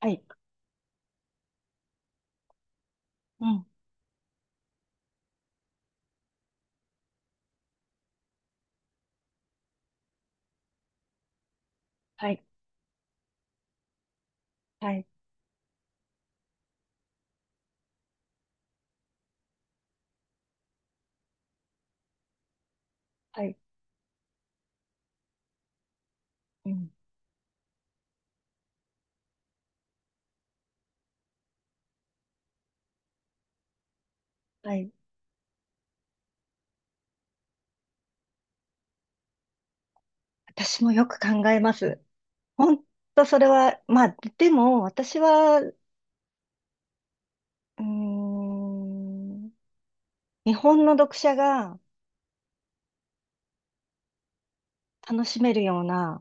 はい。うん。はい。はい。はい。うん。はい。私もよく考えます。本当それは、まあ、でも、私は、うーん、日本の読者が楽しめるような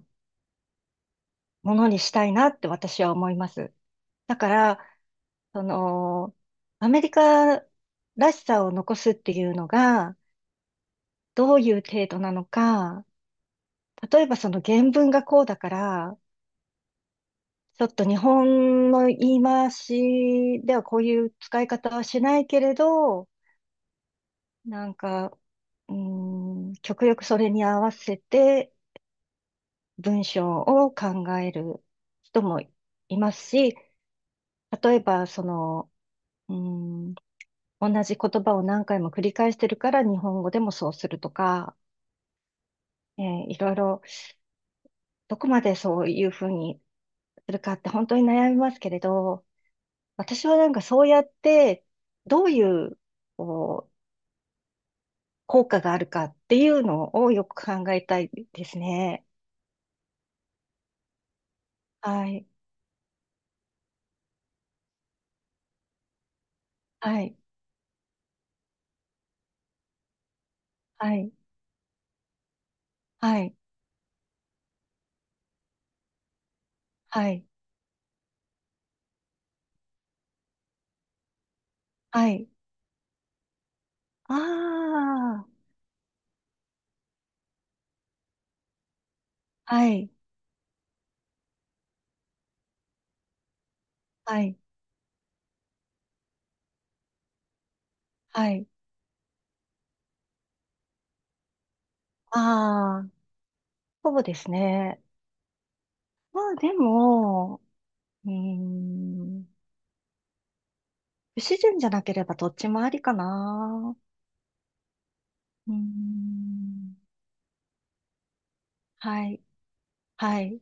ものにしたいなって私は思います。だから、その、アメリカらしさを残すっていうのが、どういう程度なのか、例えばその原文がこうだから、ちょっと日本の言い回しではこういう使い方はしないけれど、なんか、うーん、極力それに合わせて文章を考える人もいますし、例えば、その、うーん、同じ言葉を何回も繰り返してるから日本語でもそうするとか、いろいろ、どこまでそういうふうにするかって本当に悩みますけれど、私はなんかそうやって、どういう、こう効果があるかっていうのをよく考えたいですね。はい、はい、はい、はい、はい、はい。ああ、はい、はい、はい。ああ、そうですね。まあでも、うーん、不自然じゃなければどっちもありかな。うーん、はい、はい、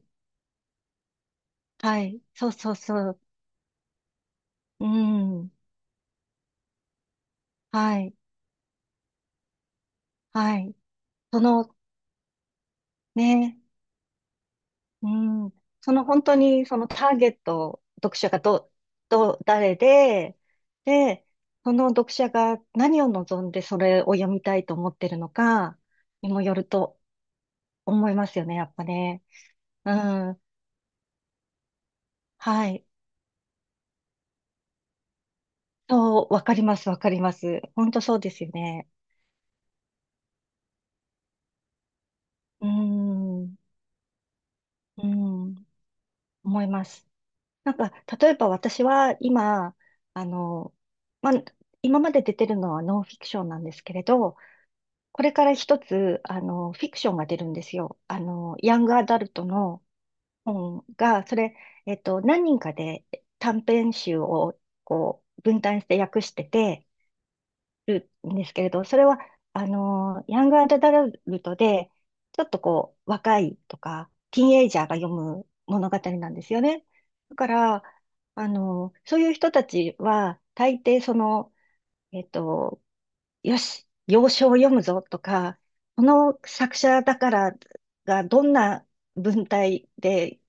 はい、そうそうそう。うん、はい、はい。その、ね、うん、その本当にそのターゲット、読者がど、どう、誰で、で、その読者が何を望んでそれを読みたいと思ってるのかにもよると思いますよね、やっぱね。うん。はい。そう、わかります、わかります。本当そうですよね。うん。うん。思います。なんか、例えば私は今、あの、まあ、今まで出てるのはノンフィクションなんですけれど、これから一つ、あの、フィクションが出るんですよ。あの、ヤングアダルトの本が、それ、何人かで短編集をこう分担して訳してるんですけれど、それは、あの、ヤングアダルトで、ちょっとこう、若いとか、ティーンエイジャーが読む物語なんですよね。だから、あの、そういう人たちは、大抵その、えっと、よし、洋書を読むぞとか、この作者だからがどんな文体で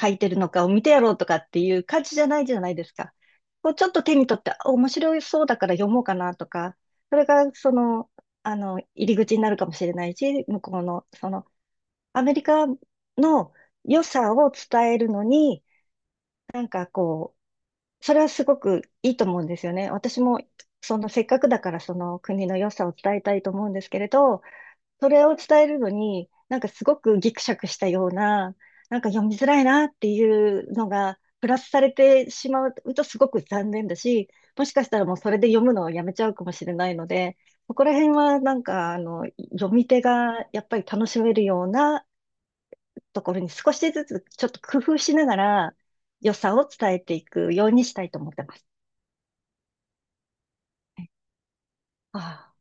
書いてるのかを見てやろうとかっていう感じじゃないじゃないですか。こうちょっと手に取って、あ、面白そうだから読もうかなとか、それがその、あの、入り口になるかもしれないし、向こうの、その、アメリカの良さを伝えるのに、なんかこう、それはすごくいいと思うんですよね。私も、そのせっかくだからその国の良さを伝えたいと思うんですけれど、それを伝えるのに、なんかすごくギクシャクしたような、なんか読みづらいなっていうのが、プラスされてしまうとすごく残念だし、もしかしたらもうそれで読むのをやめちゃうかもしれないので、そこら辺はなんか、あの、読み手がやっぱり楽しめるようなところに少しずつちょっと工夫しながら良さを伝えていくようにしたいと思ってます。ああ、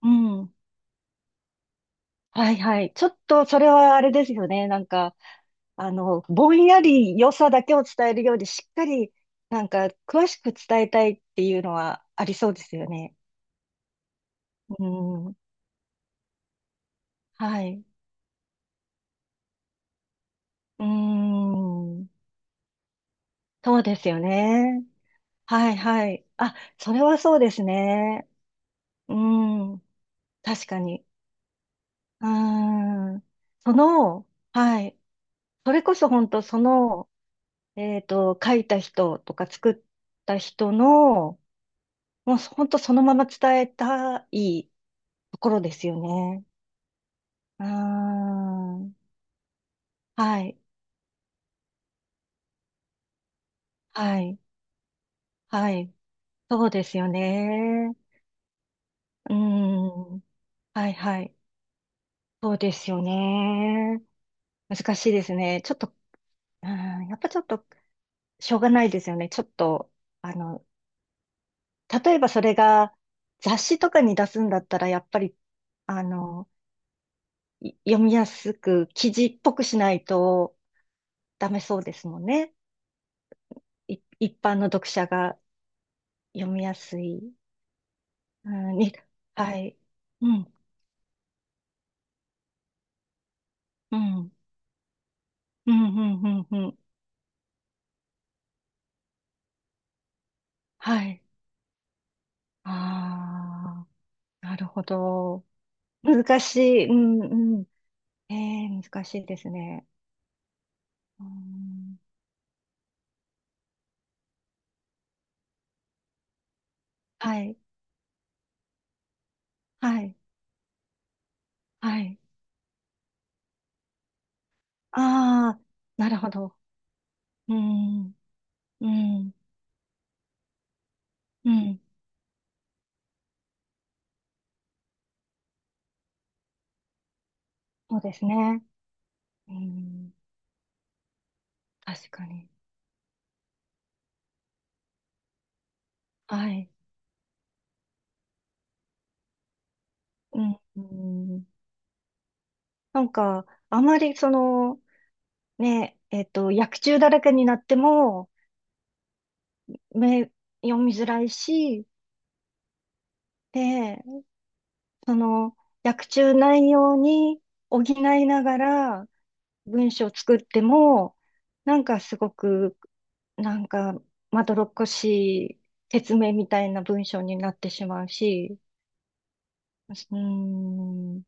うん。はいはい。ちょっとそれはあれですよね。なんか、あの、ぼんやり良さだけを伝えるより、しっかり、なんか、詳しく伝えたいっていうのはありそうですよね。うん。はい。うん。そうですよね。はいはい。あ、それはそうですね。うん。確かに。うん。その、はい。それこそ本当その、書いた人とか作った人の、もう本当そのまま伝えたいところですよね。うーん。はい。はい。はい。そうですよね。うーん。はい。はい。そうですよね。難しいですね。ちょっと、うーん、やっぱちょっと、しょうがないですよね。ちょっと、あの、例えばそれが雑誌とかに出すんだったら、やっぱり、あの、読みやすく記事っぽくしないとダメそうですもんね。一般の読者が読みやすい。うん、に、はい。うん、うん、うん、うん、うん。うん、はい。ああ、なるほど。難しい。うん、うん。ええ、難しいですね。うん、はい、はい、はい。ああ、なるほど。うん、うん、うん。そうですね。うん、確かに。はい。うん、うん、なんか、あまりその、ね、薬中だらけになっても、目、読みづらいし、で、その、薬中内容に補いながら文章を作っても、なんかすごく、なんか、まどろっこしい説明みたいな文章になってしまうし、うーん、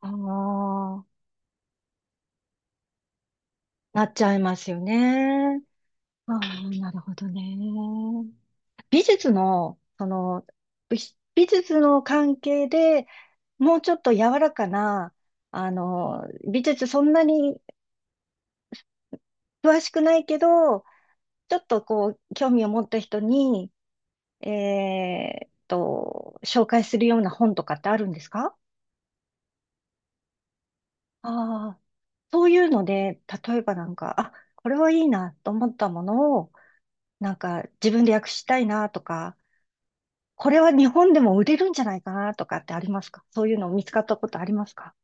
ああ、なっちゃいますよね。ああ、なるほどね。美術の、その、美美術の関係でもうちょっと柔らかな、あの、美術そんなに詳しくないけど、ちょっとこう、興味を持った人に、紹介するような本とかってあるんですか？ああ、そういうので、例えばなんか、あ、これはいいなと思ったものを、なんか自分で訳したいなとか、これは日本でも売れるんじゃないかなとかってありますか？そういうの見つかったことありますか？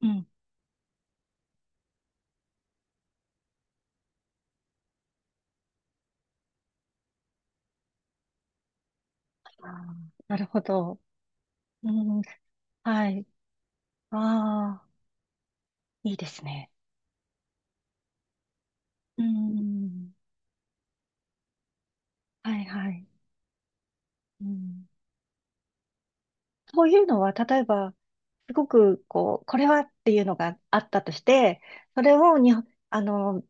うん、あー、なるほど。うん、はい。ああ、いいですね。うん、はいはい。うん、そういうのは、例えば、すごく、こう、これはっていうのがあったとして、それに、あの、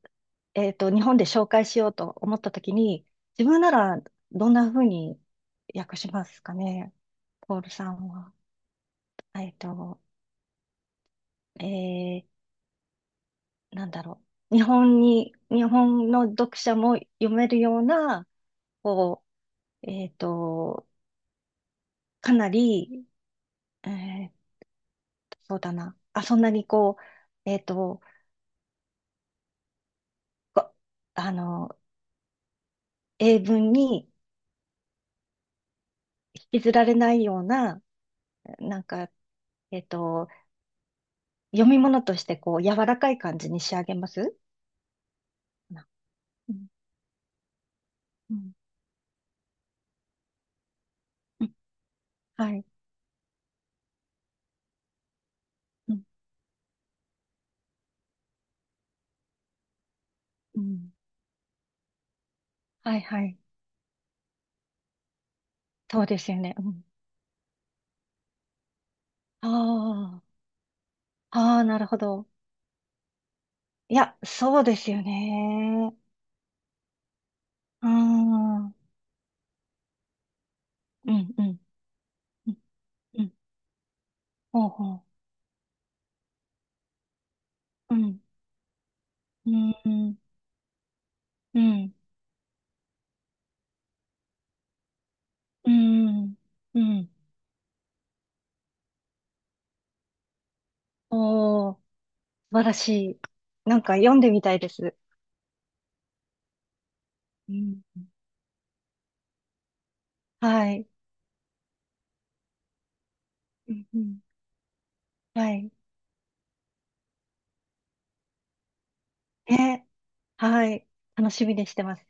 日本で紹介しようと思ったときに、自分ならどんなふうに訳しますかね、ポールさんは。えっと、えー、なんだろう。日本に、日本の読者も読めるような、こう、えっと、かなり、えーそうだな。あ、そんなにこう、こあの、英文に引きずられないような、なんか、えっと、読み物としてこう、柔らかい感じに仕上げます。な、うん、うん、うん、はい。うん。うん、はい、はい。そうですよね。うん。ああ、ああ、なるほど。いや、そうですよね。うーん。うん、うん。うん、うん。ほうほう。うん。うん、うん、うん、うん、うん。おー、素晴らしい。なんか読んでみたいです。うん、はい。うん、うん、はい。え、はい。楽しみにしてます。